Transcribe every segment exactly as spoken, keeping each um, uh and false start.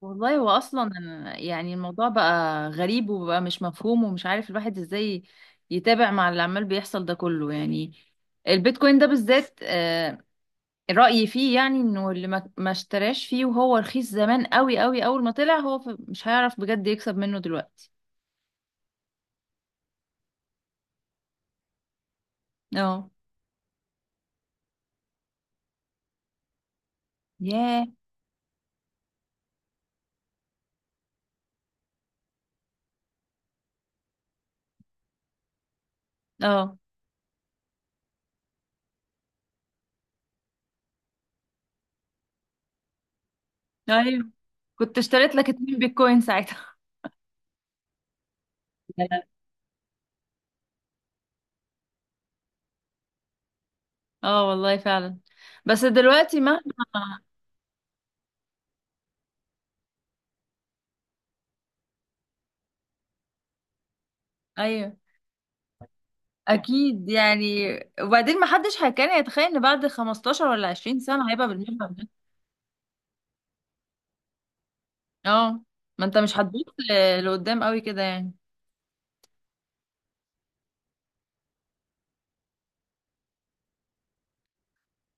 والله هو اصلا أنا- يعني الموضوع بقى غريب وبقى مش مفهوم ومش عارف الواحد ازاي يتابع مع اللي عمال بيحصل ده كله يعني. البيتكوين ده بالذات، آه، رأيي فيه يعني انه اللي ما ما اشتراش فيه وهو رخيص زمان قوي قوي اول ما طلع، هو ف- مش هيعرف بجد يكسب منه دلوقتي. اه. ياه. اه. ايوه، كنت اشتريت لك اتنين بيتكوين ساعتها. لا. اه، والله فعلا. بس دلوقتي مهما... ايوه. اكيد يعني. وبعدين ما حدش كان يتخيل ان بعد خمستاشر ولا عشرين سنه هيبقى بالمبلغ ده. اه. ما انت مش هتبص ل- لقدام قوي كده يعني.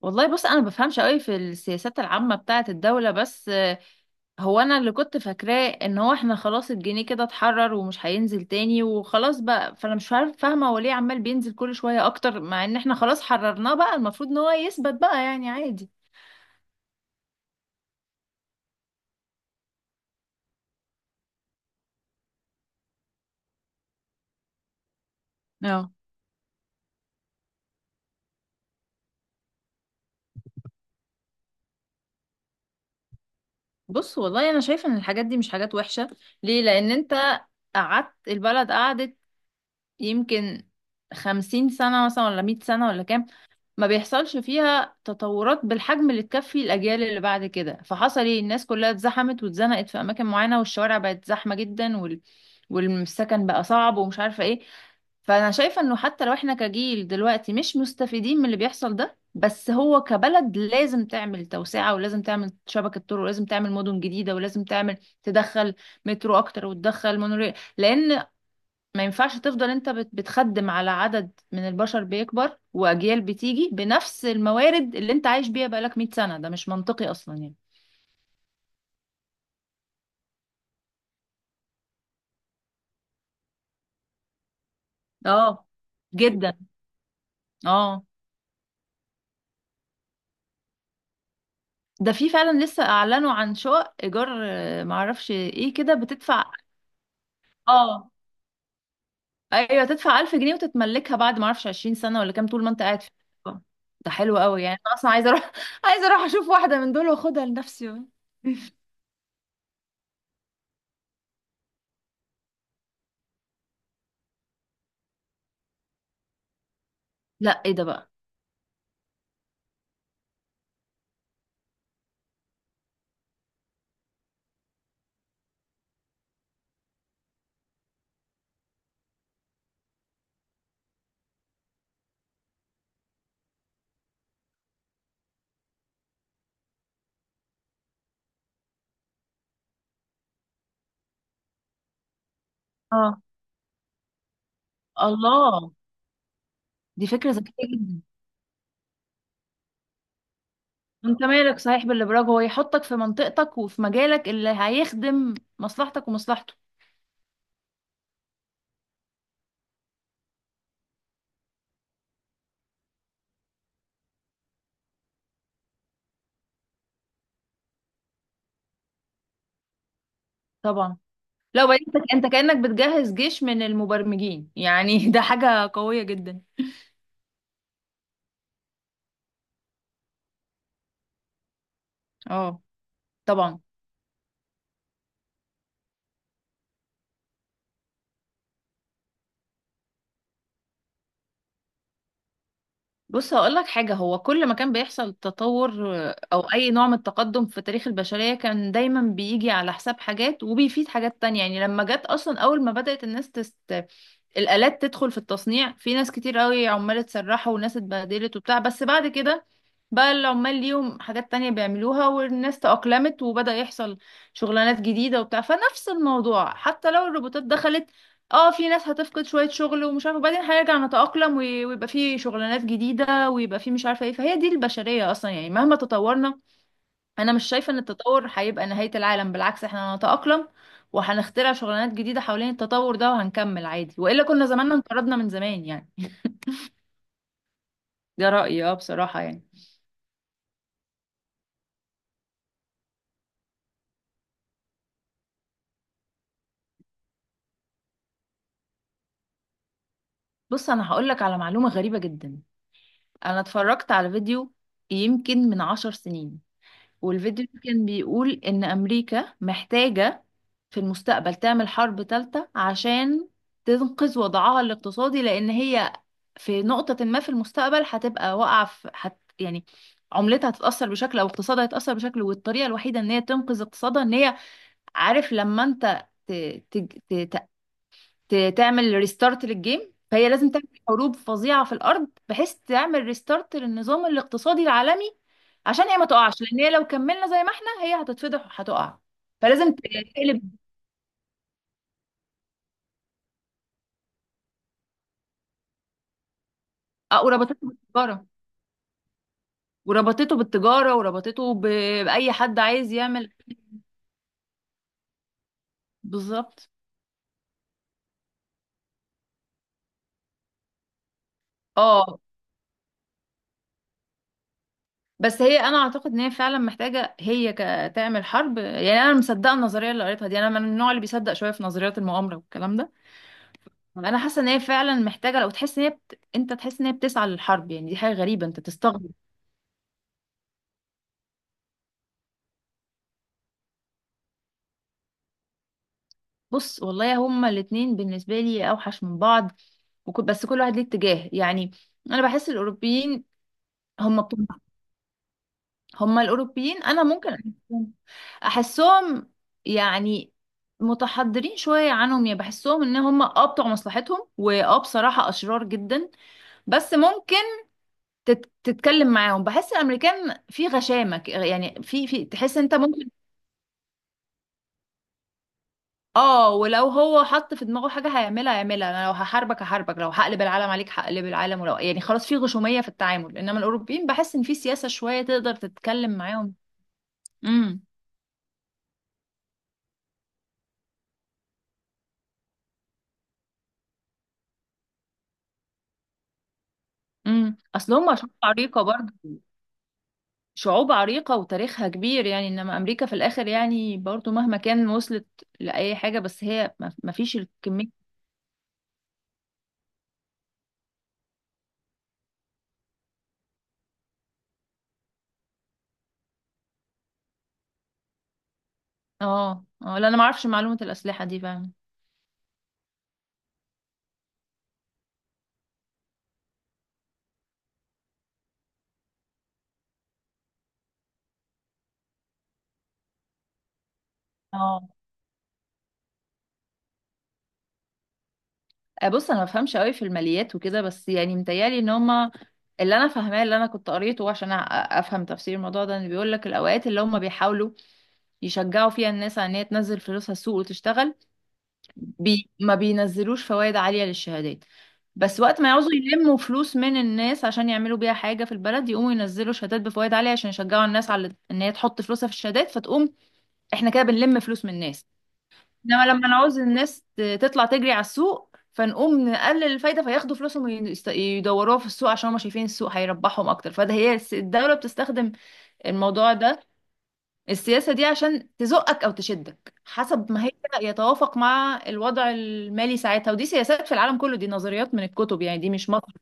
والله بص، انا ما بفهمش قوي في السياسات العامه بتاعه الدوله، بس آه، هو انا اللي كنت فاكراه ان هو احنا خلاص الجنيه كده اتحرر ومش هينزل تاني وخلاص بقى، فانا مش عارف- فاهمه هو ليه عمال بينزل كل شويه اكتر مع ان احنا خلاص حررناه. بقى المفروض ان هو يثبت بقى يعني عادي. اه. بص، والله انا شايفه ان الحاجات دي مش حاجات وحشه. ليه؟ لان انت قعدت البلد، قعدت يمكن خمسين سنه مثلا ولا مية سنه ولا كام، ما بيحصلش فيها تطورات بالحجم اللي تكفي الاجيال اللي بعد كده. فحصل ايه؟ الناس كلها اتزحمت واتزنقت في اماكن معينه والشوارع بقت زحمه جدا وال... والسكن بقى صعب ومش عارفه ايه. فانا شايفه انه حتى لو احنا كجيل دلوقتي مش مستفيدين من اللي بيحصل ده، بس هو كبلد لازم تعمل توسعه، ولازم تعمل شبكه طرق، ولازم تعمل مدن جديده، ولازم تعمل تدخل مترو اكتر وتدخل مونوريل، لان ما ينفعش تفضل انت بت- بتخدم على عدد من البشر بيكبر واجيال بتيجي بنفس الموارد اللي انت عايش بيها بقالك مئة سنه. ده مش منطقي اصلا يعني. اه. جدا. اه، ده في فعلا لسه اعلنوا عن شقق ايجار، آه، معرفش ايه كده بتدفع. اه. ايوه، تدفع ألف جنيه وتتملكها بعد، ما اعرفش، عشرين سنه ولا كام، طول ما انت قاعد في الشقة. ده حلو قوي يعني. انا اصلا عايزه اروح عايزه اروح اشوف واحده من دول واخدها لنفسي. لا. ايه ده بقى؟ اه. الله. دي فكره ذكيه جدا. انت مالك صحيح بالابراج؟ هو يحطك في منطقتك وفي مجالك اللي هيخدم مصلحتك ومصلحته. طبعا. لو بقيت انت انت كانك بتجهز جيش من المبرمجين يعني ده حاجه قويه جدا. اه. طبعا. بص هقول لك حاجة، هو كل ما كان بيحصل تطور، آه، أو أي نوع من التقدم في تاريخ البشرية، كان دايما بيجي على حساب حاجات وبيفيد حاجات تانية. يعني لما جت أصلا، أول ما بدأت الناس تست... الآلات تدخل في التصنيع، في ناس كتير قوي عمال اتسرحوا وناس اتبهدلت وبتاع، بس بعد كده بقى العمال ليهم حاجات تانية بيعملوها، والناس تأقلمت وبدأ يحصل شغلانات جديدة وبتاع. فنفس الموضوع، حتى لو الروبوتات دخلت، اه، في ناس هتفقد شوية شغل ومش عارفة، وبعدين هيرجع نتأقلم وي- ويبقى في شغلانات جديدة، ويبقى في مش عارفة ايه. فهي دي البشرية أصلا يعني، مهما تطورنا، أنا مش شايفة إن التطور هيبقى نهاية العالم. بالعكس، احنا هنتأقلم وهنخترع شغلانات جديدة حوالين التطور ده وهنكمل عادي، وإلا كنا زماننا انقرضنا من زمان يعني. ده رأيي، اه، بصراحة يعني. بص أنا هقولك على معلومة غريبة جدا. انا اتفرجت على فيديو يمكن من عشر سنين، والفيديو ده كان بيقول ان امريكا محتاجة في المستقبل تعمل حرب ثالثة عشان تنقذ وضعها الاقتصادي، لان هي في نقطة ما في المستقبل هتبقى واقعة، في هت يعني عملتها هتتأثر بشكل او اقتصادها هيتأثر بشكل، والطريقة الوحيدة ان هي تنقذ اقتصادها ان هي، عارف، لما انت ت... ت... ت... ت- تعمل ريستارت للجيم، فهي لازم تعمل حروب فظيعة في الأرض بحيث تعمل ريستارت للنظام الاقتصادي العالمي عشان هي ما تقعش. لأن هي لو كملنا زي ما احنا هي هتتفضح وهتقع، فلازم ت- تقلب. اه، وربطته بالتجارة وربطته بالتجارة وربطته ب- بأي حد عايز يعمل. بالظبط. اه، بس هي انا اعتقد ان هي فعلا محتاجه هي ك- تعمل حرب يعني. انا مصدقه النظريه اللي قريتها دي، انا من النوع اللي بيصدق شويه في نظريات المؤامره والكلام ده. انا حاسه ان هي فعلا محتاجه، لو تحس ان هي بت... انت تحس ان هي بتسعى للحرب يعني، دي حاجه غريبه، انت تستغرب. بص والله هما الاتنين بالنسبه لي اوحش من بعض، وكل... بس كل واحد ليه اتجاه يعني. انا بحس الاوروبيين هما بتوع هما الاوروبيين، انا ممكن احسهم احسهم يعني متحضرين شويه عنهم. يعني بحسهم ان هما، اه، بتوع مصلحتهم، واه، بصراحه اشرار جدا، بس ممكن تت... تتكلم معاهم. بحس الامريكان في غشامه، ك- يعني في في تحس انت ممكن، اه، ولو هو حط في دماغه حاجة هيعملها هيعملها. انا لو هحاربك هحاربك، لو هقلب العالم عليك هقلب العالم، ولو يعني خلاص في غشومية في التعامل. انما الاوروبيين بحس ان في سياسة شوية تقدر تتكلم معاهم. امم. امم اصل هم شعوب عريقة برضه. شعوب عريقة وتاريخها كبير يعني، انما امريكا في الاخر يعني، برضه مهما كان وصلت لأي حاجة، بس هي ما ما فيش الكمية. اه، اه، لا، انا ما اعرفش معلومة الأسلحة دي فعلا. اه، آه، بص، انا ما بفهمش قوي في الماليات وكده، بس يعني متهيألي ان هما، اللي انا فاهماه، اللي انا كنت قريته عشان أ- افهم تفسير الموضوع ده، ان بيقول لك الاوقات اللي هما بيحاولوا يشجعوا فيها الناس على ان هي تنزل فلوسها السوق وتشتغل بي ما بينزلوش فوائد عالية للشهادات، بس وقت ما يعوزوا يلموا فلوس من الناس عشان يعملوا بيها حاجة في البلد يقوموا ينزلوا شهادات بفوائد عالية عشان يشجعوا الناس على ان هي تحط فلوسها في الشهادات، فتقوم احنا كده بنلم فلوس من الناس. انما لما نعوز الناس ت- تطلع تجري على السوق فنقوم نقلل الفايده فياخدوا فلوسهم ويست- يدوروها في السوق عشان هما شايفين السوق هيربحهم اكتر. فده هي الس- الدوله بتستخدم الموضوع ده، السياسه دي، عشان تزقك او تشدك حسب ما هي يتوافق مع الوضع المالي ساعتها. ودي سياسات في العالم كله، دي نظريات من الكتب يعني، دي مش مصر.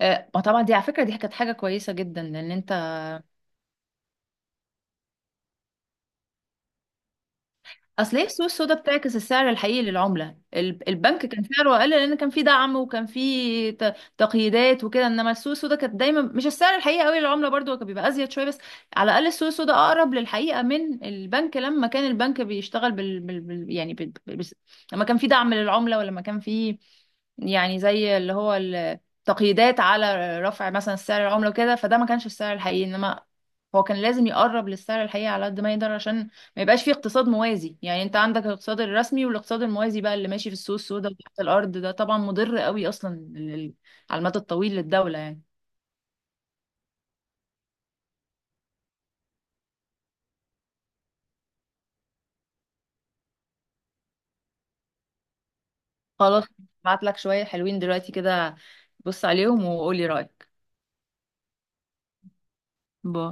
آه، ما طبعا دي، على فكره، دي كانت حاجه كويسه جدا، لان انت اصل هي السوق السوداء بتعكس السعر الحقيقي للعمله. ال- البنك كان سعره اقل لان كان في دعم وكان في ت- تقييدات وكده، انما السوق السوداء كانت دايما مش السعر الحقيقي قوي للعمله، برضو هو كان بيبقى ازيد شويه بس. على الاقل السوق السوداء اقرب للحقيقه من البنك، لما كان البنك بيشتغل بال, بال... بال... يعني بال... بال... بس- لما كان في دعم للعمله، ولما كان في، يعني، زي اللي هو ال- تقييدات على رفع مثلا سعر العمله وكده، فده ما كانش السعر الحقيقي. انما هو كان لازم يقرب للسعر الحقيقي على قد ما يقدر عشان ما يبقاش في اقتصاد موازي. يعني انت عندك الاقتصاد الرسمي والاقتصاد الموازي بقى اللي ماشي في السوق السوداء وتحت الارض، ده طبعا مضر قوي اصلا لل- على المدى الطويل للدولة يعني. خلاص. بعت لك شوية حلوين دلوقتي كده، بص عليهم وقولي رأيك. باي.